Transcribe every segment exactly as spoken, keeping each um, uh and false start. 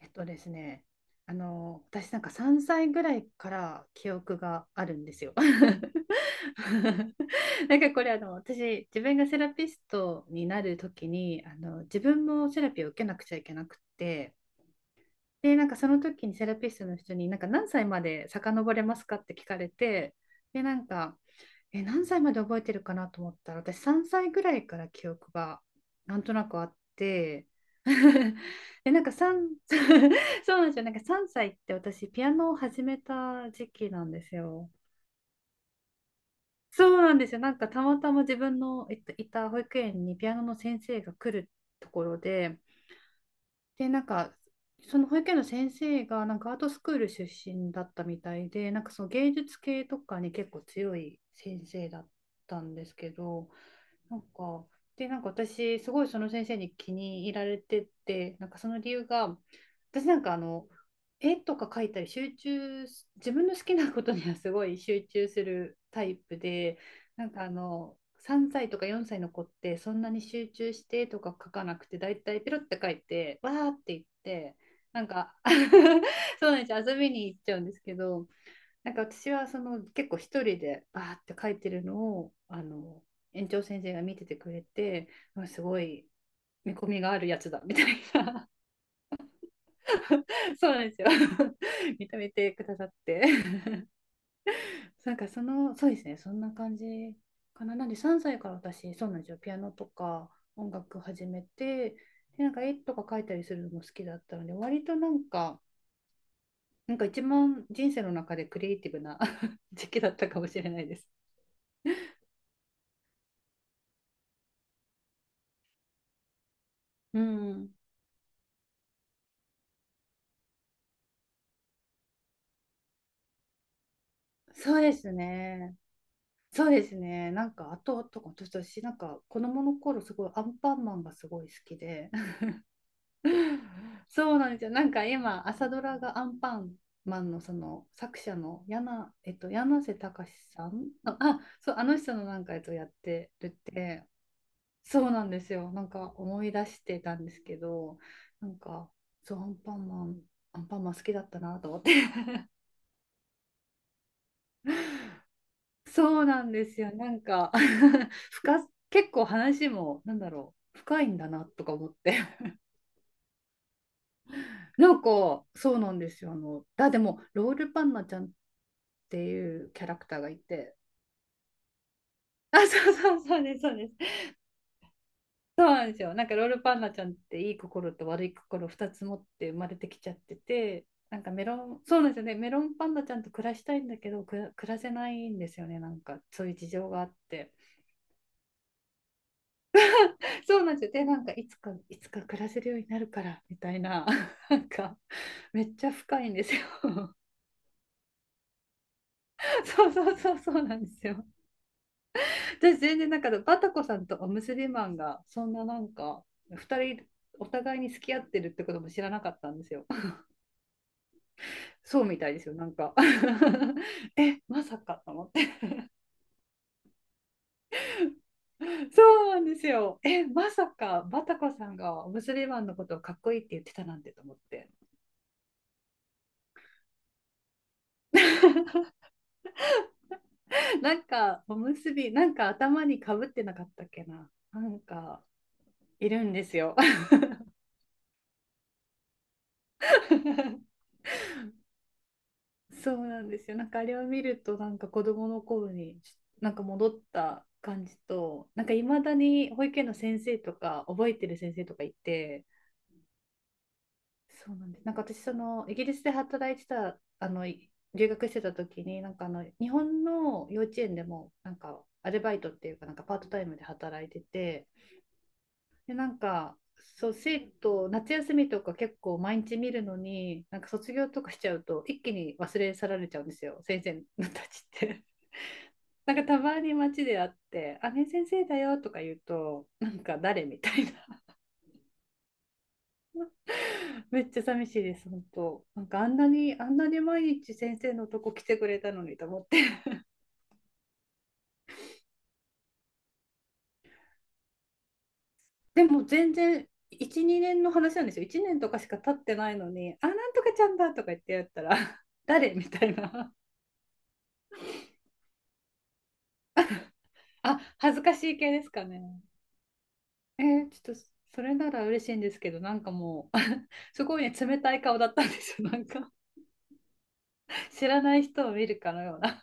えっとですね、あの、私なんかさんさいぐらいから記憶があるんですよ。なんかこれあの、私、自分がセラピストになる時に、あの、自分もセラピーを受けなくちゃいけなくって、で、なんかその時にセラピストの人に、なんか何歳まで遡れますかって聞かれて、で、なんか、え、何歳まで覚えてるかなと思ったら、私さんさいぐらいから記憶がなんとなくあって、で、なんかさん、そうなんですよ。なんかさんさいって私ピアノを始めた時期なんですよ。そうなんですよ。なんかたまたま自分の、えっと、いた保育園にピアノの先生が来るところで、で、なんかその保育園の先生がなんかアートスクール出身だったみたいで、なんかその芸術系とかに結構強い先生だったんですけど、なんか、で、なんか私、すごいその先生に気に入られてて、なんかその理由が、私なんかあの、絵とか描いたり集中す、自分の好きなことにはすごい集中するタイプで、なんかあの、さんさいとかよんさいの子ってそんなに集中してとか描かなくて、だいたいペロって描いて、わーって言って、なんか そうなんですよ、遊びに行っちゃうんですけど、なんか私はその結構一人でバーって書いてるのをあの園長先生が見ててくれて、あ、すごい見込みがあるやつだみたいな。 そうなんですよ。 認めてくださって。 なんか、その、そうですね、そんな感じかな。なんでさんさいから私、そうなんですよ、ピアノとか音楽始めて、でなんか絵とか描いたりするのも好きだったので、割となんかなんか一番人生の中でクリエイティブな 時期だったかもしれないです。うん、そうですね。そうですね。なんか、あと、とか、私、なんか、子供の頃、すごい、アンパンマンがすごい好きで。そうなんですよ。なんか、今、朝ドラがアンパンマンの、その、作者の、やな、えっと、柳瀬隆さん、あ、あそう、あの人のなんか、えっと、やってるって。そうなんですよ。なんか、思い出してたんですけど、なんか、そう、アンパンマン、アンパンマン好きだったなと思って。そうなんですよ。なんか 深、結構話も、なんだろう、深いんだなとか思って。なんか、そうなんですよ。あの、だ、でも、ロールパンナちゃんっていうキャラクターがいて。あ、そうそうそうです、そうです。そうなんですよ。なんか、ロールパンナちゃんっていい心と悪い心ふたつ持って生まれてきちゃってて、なんかメロン、そうなんですよね。メロンパンナちゃんと暮らしたいんだけど、くら暮らせないんですよね。なんか、そういう事情があって。そうなんですよ。で、なんかいつか、いつか暮らせるようになるから、みたいな。なんか、めっちゃ深いんですよ。そうそうそう、そうなんですよ。私、全然なんか、バタコさんとおむすびマンが、そんななんか、二人、お互いに付き合ってるってことも知らなかったんですよ。そうみたいですよ、なんか え、まさかと思って。そうなんですよ。え、まさか、バタコさんがおむすびマンのことをかっこいいって言ってたなんてと思って。なんか、おむすび、なんか頭にかぶってなかったっけな。なんか、いるんですよ。そうなんですよ。なんかあれを見ると、なんか子供の頃に、なんか戻った感じと、なんかいまだに保育園の先生とか、覚えてる先生とかいて、そうなんです。なんか私、その、イギリスで働いてた、あの、い留学してた時に、なんかあの、日本の幼稚園でも、なんか、アルバイトっていうか、なんかパートタイムで働いてて、で、なんか、そう、生徒、夏休みとか結構毎日見るのに、なんか卒業とかしちゃうと、一気に忘れ去られちゃうんですよ、先生たちって。なんかたまに街で会って、あ、ねえ先生だよとか言うと、なんか誰みたいな。めっちゃ寂しいです、本当。なんかあんなに、あんなに毎日先生のとこ来てくれたのにと思って。でも全然、いち、にねんの話なんですよ。いちねんとかしか経ってないのに、あ、なんとかちゃんだとか言ってやったら、誰みたいな。あ、恥ずかしい系ですかね。えーちょっとそれなら嬉しいんですけど、なんかもう すごいね、冷たい顔だったんですよ。なんか知らない人を見るかのような。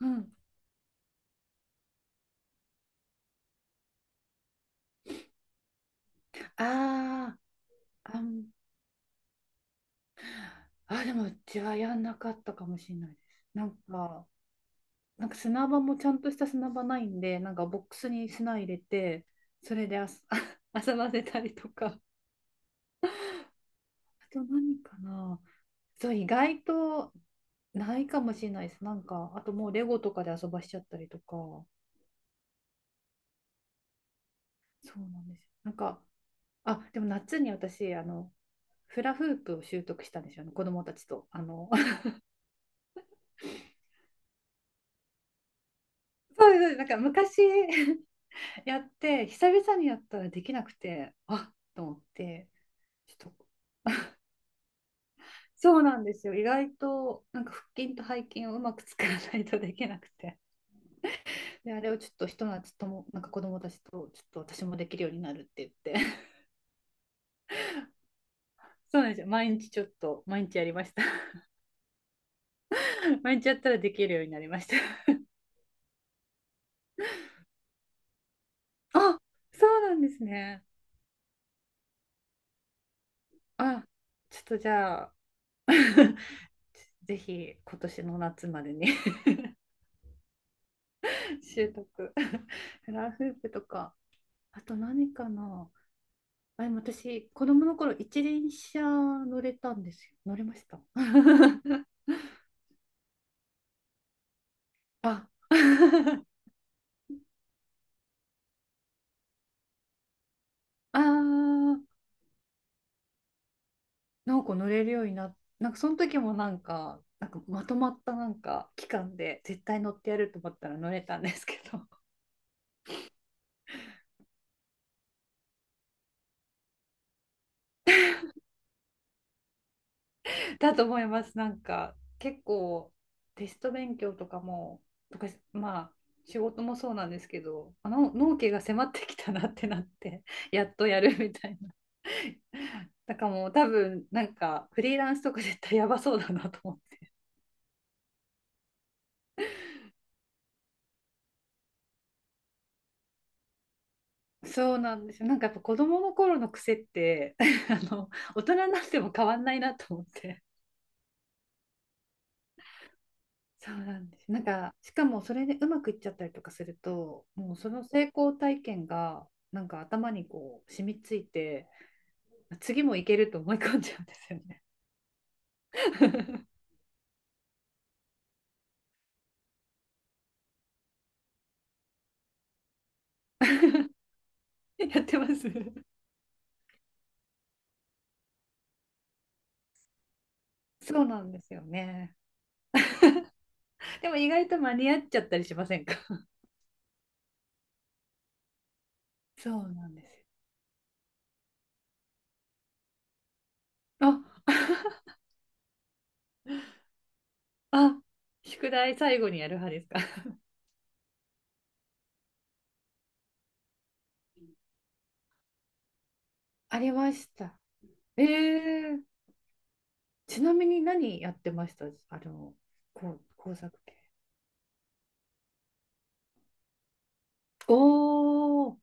うん。あー、あん、あ、でもうちはやんなかったかもしれないです。なんか、なんか砂場もちゃんとした砂場ないんで、なんかボックスに砂入れて、それで遊 遊ばせたりとか。あと何かな。そう、意外とないかもしれないです。なんか、あともうレゴとかで遊ばしちゃったりとか。そうなんですよ。なんか、あ、でも夏に私、あの、フラフープを習得したんですよね、子供たちと。あの、そうです、なんか昔 やって、久々にやったらできなくて、あ、と思って、ちょっと、そうなんですよ。意外と、なんか腹筋と背筋をうまく使わないとできなくて。で、あれをちょっとひと夏とも、なんか子供たちと、ちょっと私もできるようになるって言って。そうなんですよ。毎日ちょっと、毎日やりました。毎日やったらできるようになりました。あ、そうなんですね。あ、ちょっとじゃあ、ぜひ今年の夏までに 習得。フラフープとか、あと何かな。あ、でも私、子供の頃一輪車乗れたんですよ。乗れました。あ、あー、なんか乗れるようになっなんかその時もなんか、なんかまとまったなんか期間で絶対乗ってやると思ったら乗れたんですけど、だと思います。なんか結構テスト勉強とかも、とかまあ仕事もそうなんですけど、あの納期が迫ってきたなってなって やっとやるみたいな。だからもう多分なんかフリーランスとか絶対やばそうだなと思って。そうなんですよ。なんかやっぱ子供の頃の癖って あの大人になっても変わんないなと思って。そうなんです。なんか、しかもそれでうまくいっちゃったりとかすると、もうその成功体験が、なんか頭にこう、染みついて、次もいけると思い込んじゃうんですよね。やってます。そうなんですよね。でも意外と間に合っちゃったりしませんか？ そうなんですよ。あ、あ、宿題最後にやる派ですか？ ありました。えー、ちなみに何やってました、あの、こう工作系。お、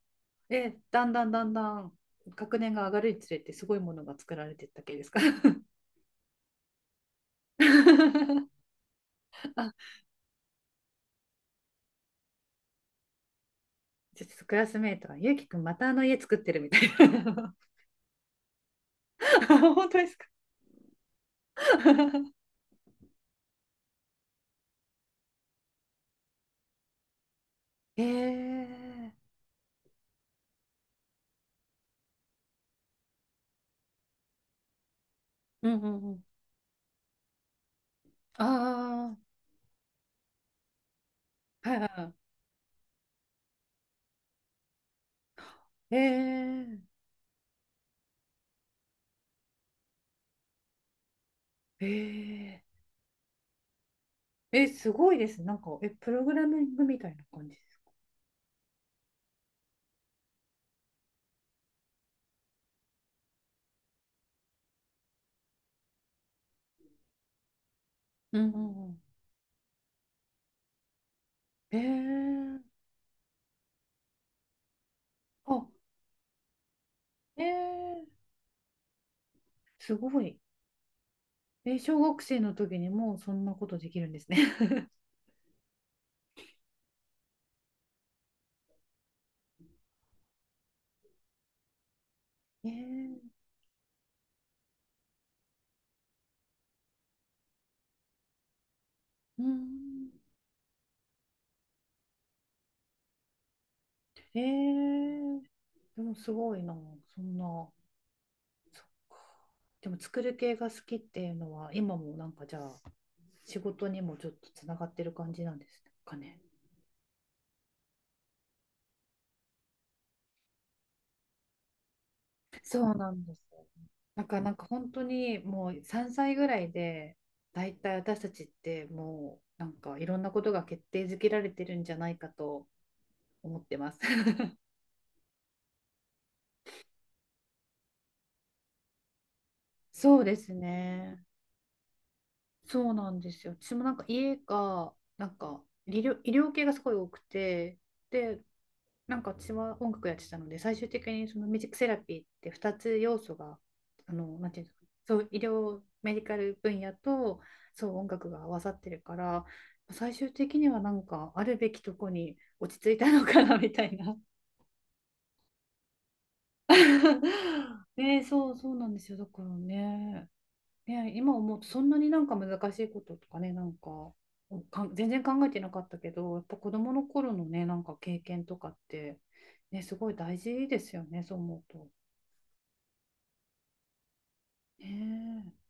で、だんだんだんだん学年が上がるにつれてすごいものが作られてったけですか？あ、ちょっとクラスメイトが、ゆうきくんまたあの家作ってるみたいな。本当ですか？ えー、うんうんうん。ああ、はいはいはい。えー、えー、え、すごいです。なんか、え、プログラミングみたいな感じですか？うんうんうん。えー、あ、えー、すごい。え、小学生の時にもうそんなことできるんですね。ええ、うん。ええ、でもすごいな、そんな、そっか。でも作る系が好きっていうのは、今もなんかじゃあ、仕事にもちょっとつながってる感じなんですかね？そうなんですよ。なんか、なんか本当にもうさんさいぐらいで、だいたい私たちってもう、なんかいろんなことが決定づけられてるんじゃないかと思ってます。そうですね。そうなんですよ。私もなんか家が、なんか医療、医療系がすごい多くて、で、なんか私は音楽やってたので、最終的にそのミュージックセラピーってふたつ要素が、あの、なんていうんですか、そう、医療、メディカル分野と、そう、音楽が合わさってるから、最終的にはなんかあるべきとこに落ち着いたのかなみたいな。ね、そう、そうなんですよ。だからね、ね、今思うとそんなになんか難しいこととかね、なんか、かん全然考えてなかったけど、やっぱ子供の頃のね、なんか経験とかって、ね、すごい大事ですよね、そう思うと。ねえ